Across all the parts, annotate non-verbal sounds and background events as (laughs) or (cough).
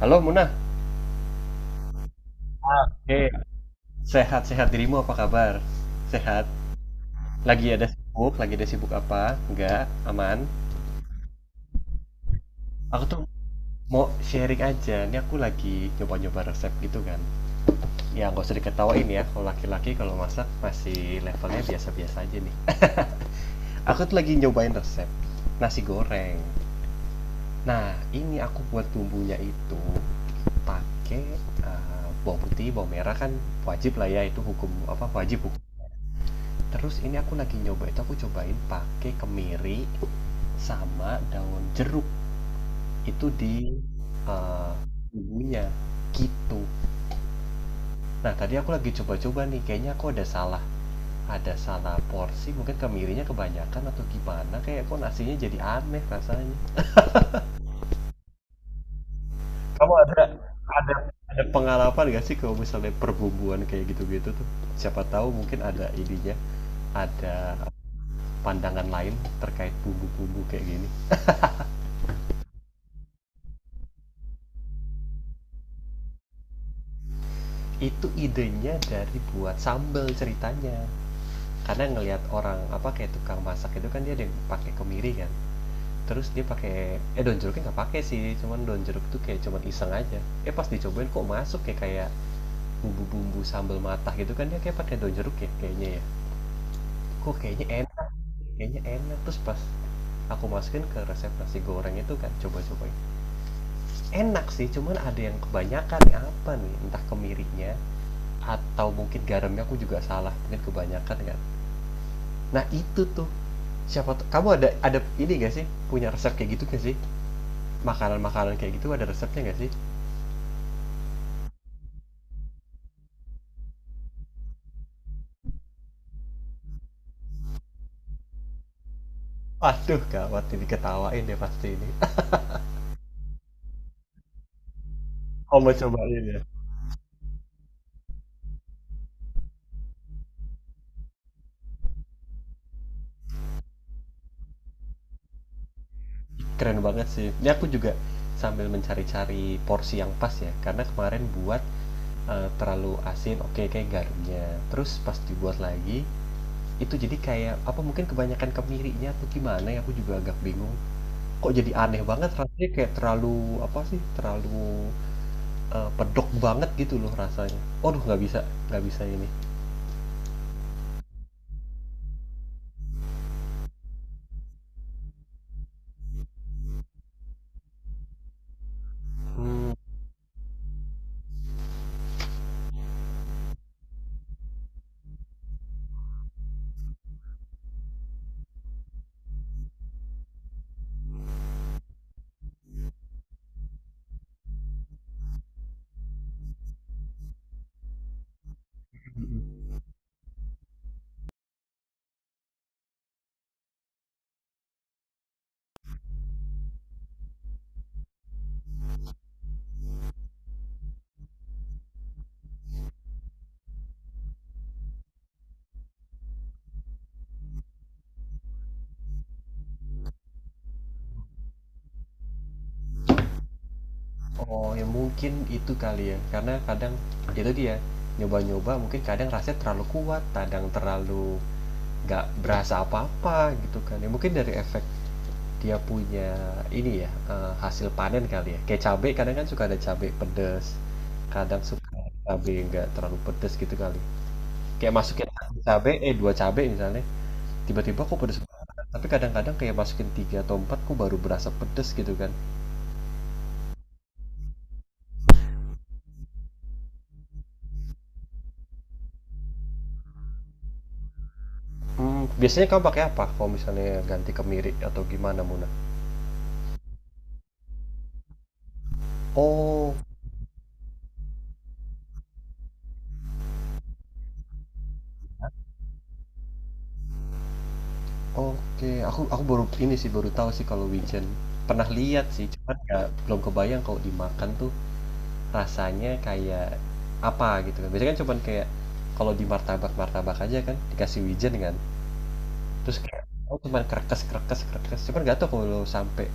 Halo Munah. Eh, Sehat-sehat dirimu, apa kabar? Sehat? Lagi ada sibuk? Lagi ada sibuk apa? Enggak? Aman? Aku tuh mau sharing aja. Ini aku lagi nyoba-nyoba resep gitu kan. Ya nggak usah diketawain ya. Kalau laki-laki kalau masak masih levelnya biasa-biasa aja nih. Aku tuh lagi nyobain resep nasi goreng. Nah, ini aku buat bumbunya itu pakai bawang putih, bawang merah kan wajib lah ya, itu hukum apa, wajib hukum. Terus ini aku lagi nyoba itu, aku cobain pakai kemiri sama daun jeruk, itu di, eee, bumbunya, gitu. Nah tadi aku lagi coba-coba nih, kayaknya aku ada salah, ada salah porsi, mungkin kemirinya kebanyakan atau gimana, kayak kok nasinya jadi aneh rasanya. Ada pengalaman gak sih kalau misalnya perbumbuan kayak gitu-gitu tuh? Siapa tahu mungkin ada ininya, ada pandangan lain terkait bumbu-bumbu kayak gini. Itu idenya dari buat sambel ceritanya. Karena ngelihat orang, apa, kayak tukang masak itu kan dia ada yang pakai kemiri kan, terus dia pakai daun jeruknya nggak pakai sih, cuman daun jeruk tuh kayak cuman iseng aja. Eh, pas dicobain kok masuk kayak kayak bumbu-bumbu sambal matah gitu kan, dia kayak pakai daun jeruk ya kayaknya ya. Kok kayaknya enak, kayaknya enak. Terus pas aku masukin ke resep nasi goreng itu kan coba-cobain. Enak sih, cuman ada yang kebanyakan apa nih, entah kemirinya atau mungkin garamnya aku juga salah, mungkin kebanyakan kan. Nah, itu tuh. Siapa tuh, kamu ada ini nggak sih, punya resep kayak gitu nggak sih? Makanan-makanan kayak gitu ada resepnya nggak sih? Waduh, gawat ini, ketawain deh pasti ini. (laughs) Oh, kamu cobain ya? Keren banget sih. Ini aku juga sambil mencari-cari porsi yang pas ya, karena kemarin buat, terlalu asin, oke kayak garamnya. Terus pas dibuat lagi, itu jadi kayak apa, mungkin kebanyakan kemirinya tuh gimana ya, aku juga agak bingung. Kok jadi aneh banget rasanya, kayak terlalu apa sih, terlalu pedok banget gitu loh rasanya. Aduh nggak bisa ini. Hmm, oh ya mungkin itu kali ya, karena kadang itu dia nyoba-nyoba, mungkin kadang rasanya terlalu kuat, kadang terlalu nggak berasa apa-apa gitu kan. Ya mungkin dari efek dia punya ini ya, hasil panen kali ya. Kayak cabai, kadang kan suka ada cabai pedes, kadang suka cabai nggak terlalu pedes gitu kali. Kayak masukin satu cabai, eh dua cabai misalnya, tiba-tiba kok pedes banget, tapi kadang-kadang kayak masukin 3 atau 4 kok baru berasa pedes gitu kan. Mmm, biasanya kamu pakai apa kalau misalnya ganti kemiri atau gimana, Muna? Oh, oke. Aku baru ini sih, baru tahu sih kalau wijen. Pernah lihat sih, cuman nggak belum kebayang kalau dimakan tuh rasanya kayak apa gitu kan. Biasanya kan cuman kayak kalau di martabak-martabak aja kan dikasih wijen kan, terus kayak aku cuman krekes krekes krekes, cuman nggak tahu kalau sampai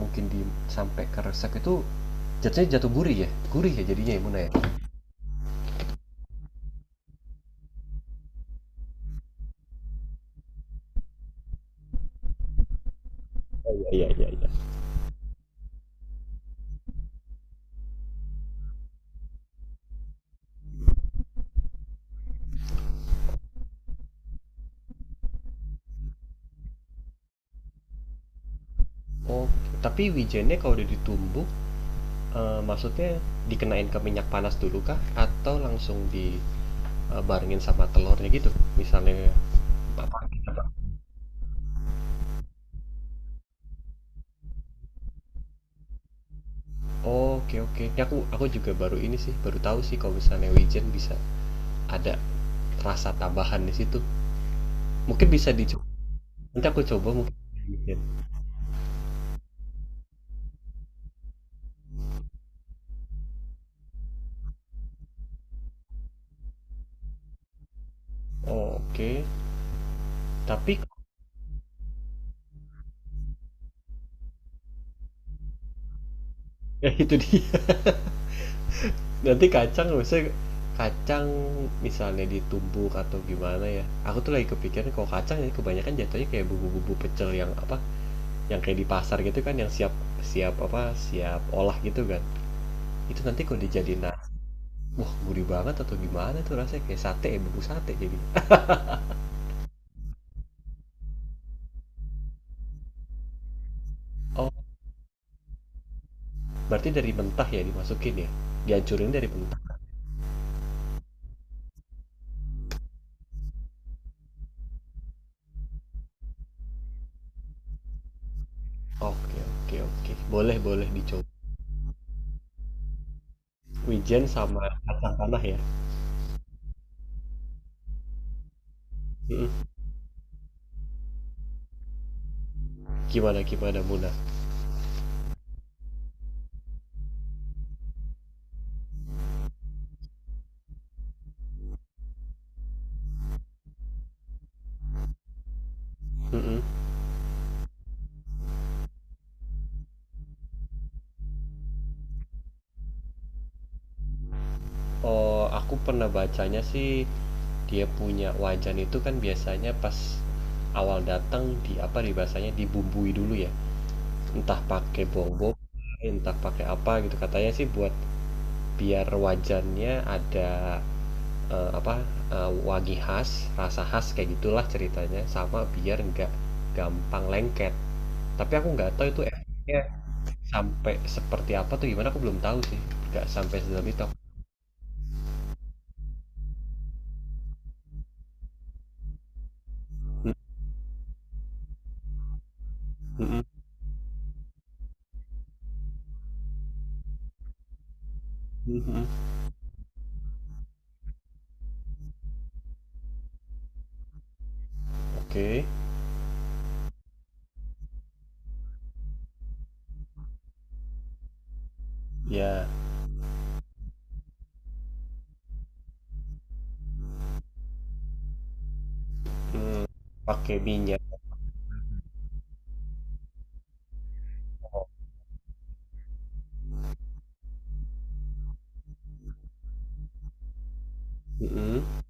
mungkin di sampai keresek itu jatuhnya jatuh gurih ya? Gurih ya jadinya ya Muna ya? Oh, iya iya iya. Oh, tapi wijennya kalau udah ditumbuk, maksudnya dikenain ke minyak panas dulu kah? Atau langsung dibarengin sama telurnya gitu? Misalnya apa? Oh, oke oke. Ini aku juga baru ini sih, baru tahu sih kalau misalnya wijen bisa ada rasa tambahan di situ. Mungkin bisa dicoba. Nanti aku coba mungkin. Wijen. Oh, oke. Tapi (laughs) ya itu dia. (laughs) Nanti kacang maksudnya kacang misalnya ditumbuk atau gimana ya. Aku tuh lagi kepikiran kalau kacang ini kebanyakan jatuhnya kayak bubu-bubu pecel yang apa? Yang kayak di pasar gitu kan yang siap, siap apa? Siap olah gitu kan. Itu nanti kalau dijadiin nasi, wah gurih banget, atau gimana tuh rasanya kayak sate, ya, sate jadi. Oh, berarti dari mentah ya dimasukin ya? Dihancurin dari mentah. Oke, oke, oke. Boleh, boleh dicoba. Wijen sama kacang tanah ya. Mm-mm. Gimana gimana Muna? Mm-mm. Oh, aku pernah bacanya sih, dia punya wajan itu kan biasanya pas awal datang di apa di bahasanya dibumbui dulu ya. Entah pakai bobo, entah pakai apa gitu. Katanya sih buat biar wajannya ada apa wangi khas, rasa khas kayak gitulah ceritanya, sama biar nggak gampang lengket. Tapi aku nggak tahu itu efeknya sampai seperti apa tuh gimana, aku belum tahu sih. Nggak sampai sedalam itu. Mm, mm, mm, mm, mm. Oke. Ya, mmm, pakai minyak. Oh, mhm,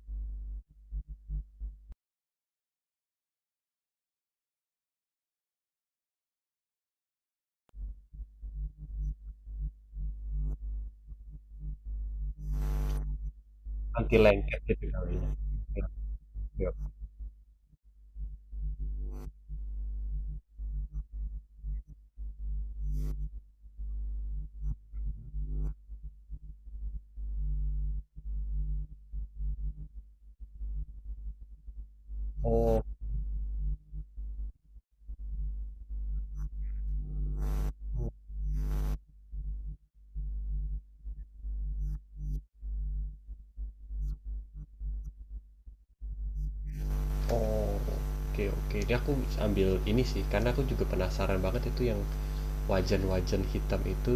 anti lengket gitu kalinya. Oke oke. Oh, oh, oke oke. Ini aku ambil ini sih, karena aku juga penasaran banget itu yang wajan-wajan hitam itu,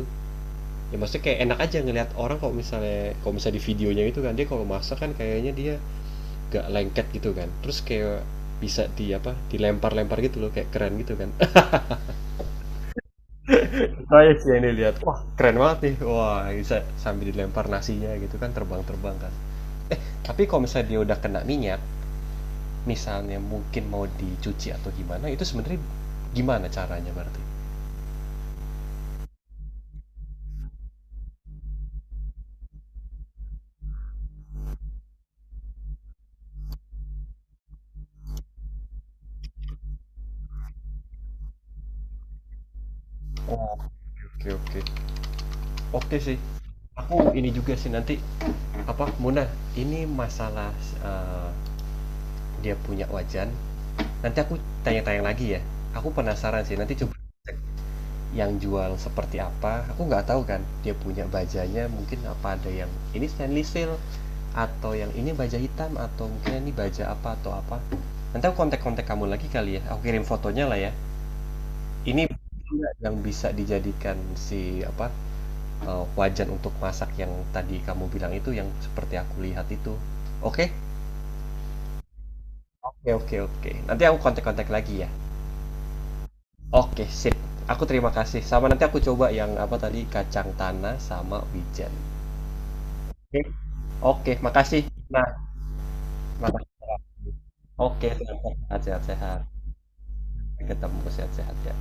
ya maksudnya kayak enak aja ngelihat orang kalau misalnya di videonya itu kan, dia kalau masak kan kayaknya dia gak lengket gitu kan, terus kayak bisa di apa, dilempar-lempar gitu loh, kayak keren gitu kan. (laughs) Saya sih yang dilihat, wah keren banget nih, wah bisa sambil dilempar nasinya gitu kan, terbang-terbang kan. Eh, tapi kalau misalnya dia udah kena minyak, misalnya mungkin mau dicuci atau gimana, itu sebenarnya gimana caranya berarti? Oh, oke oke. Oke sih. Aku ini juga sih nanti apa Muna, ini masalah eh, dia punya wajan. Nanti aku tanya-tanya lagi ya. Aku penasaran sih. Nanti coba cek yang jual seperti apa. Aku nggak tahu kan dia punya bajanya mungkin apa, ada yang ini stainless steel atau yang ini baja hitam atau mungkin ini baja apa atau apa. Nanti aku kontak-kontak kamu lagi kali ya. Aku kirim fotonya lah ya. Ini yang bisa dijadikan si apa wajan untuk masak yang tadi kamu bilang itu, yang seperti aku lihat itu. Oke? Oke, oke, oke. Nanti aku kontak-kontak lagi ya. Oke, sip. Aku terima kasih. Sama nanti aku coba yang apa tadi, kacang tanah sama wijen. Oke, oke, makasih. Nah, makasih. Oke, sehat-sehat, sehat-sehat. Ketemu sehat-sehat ya.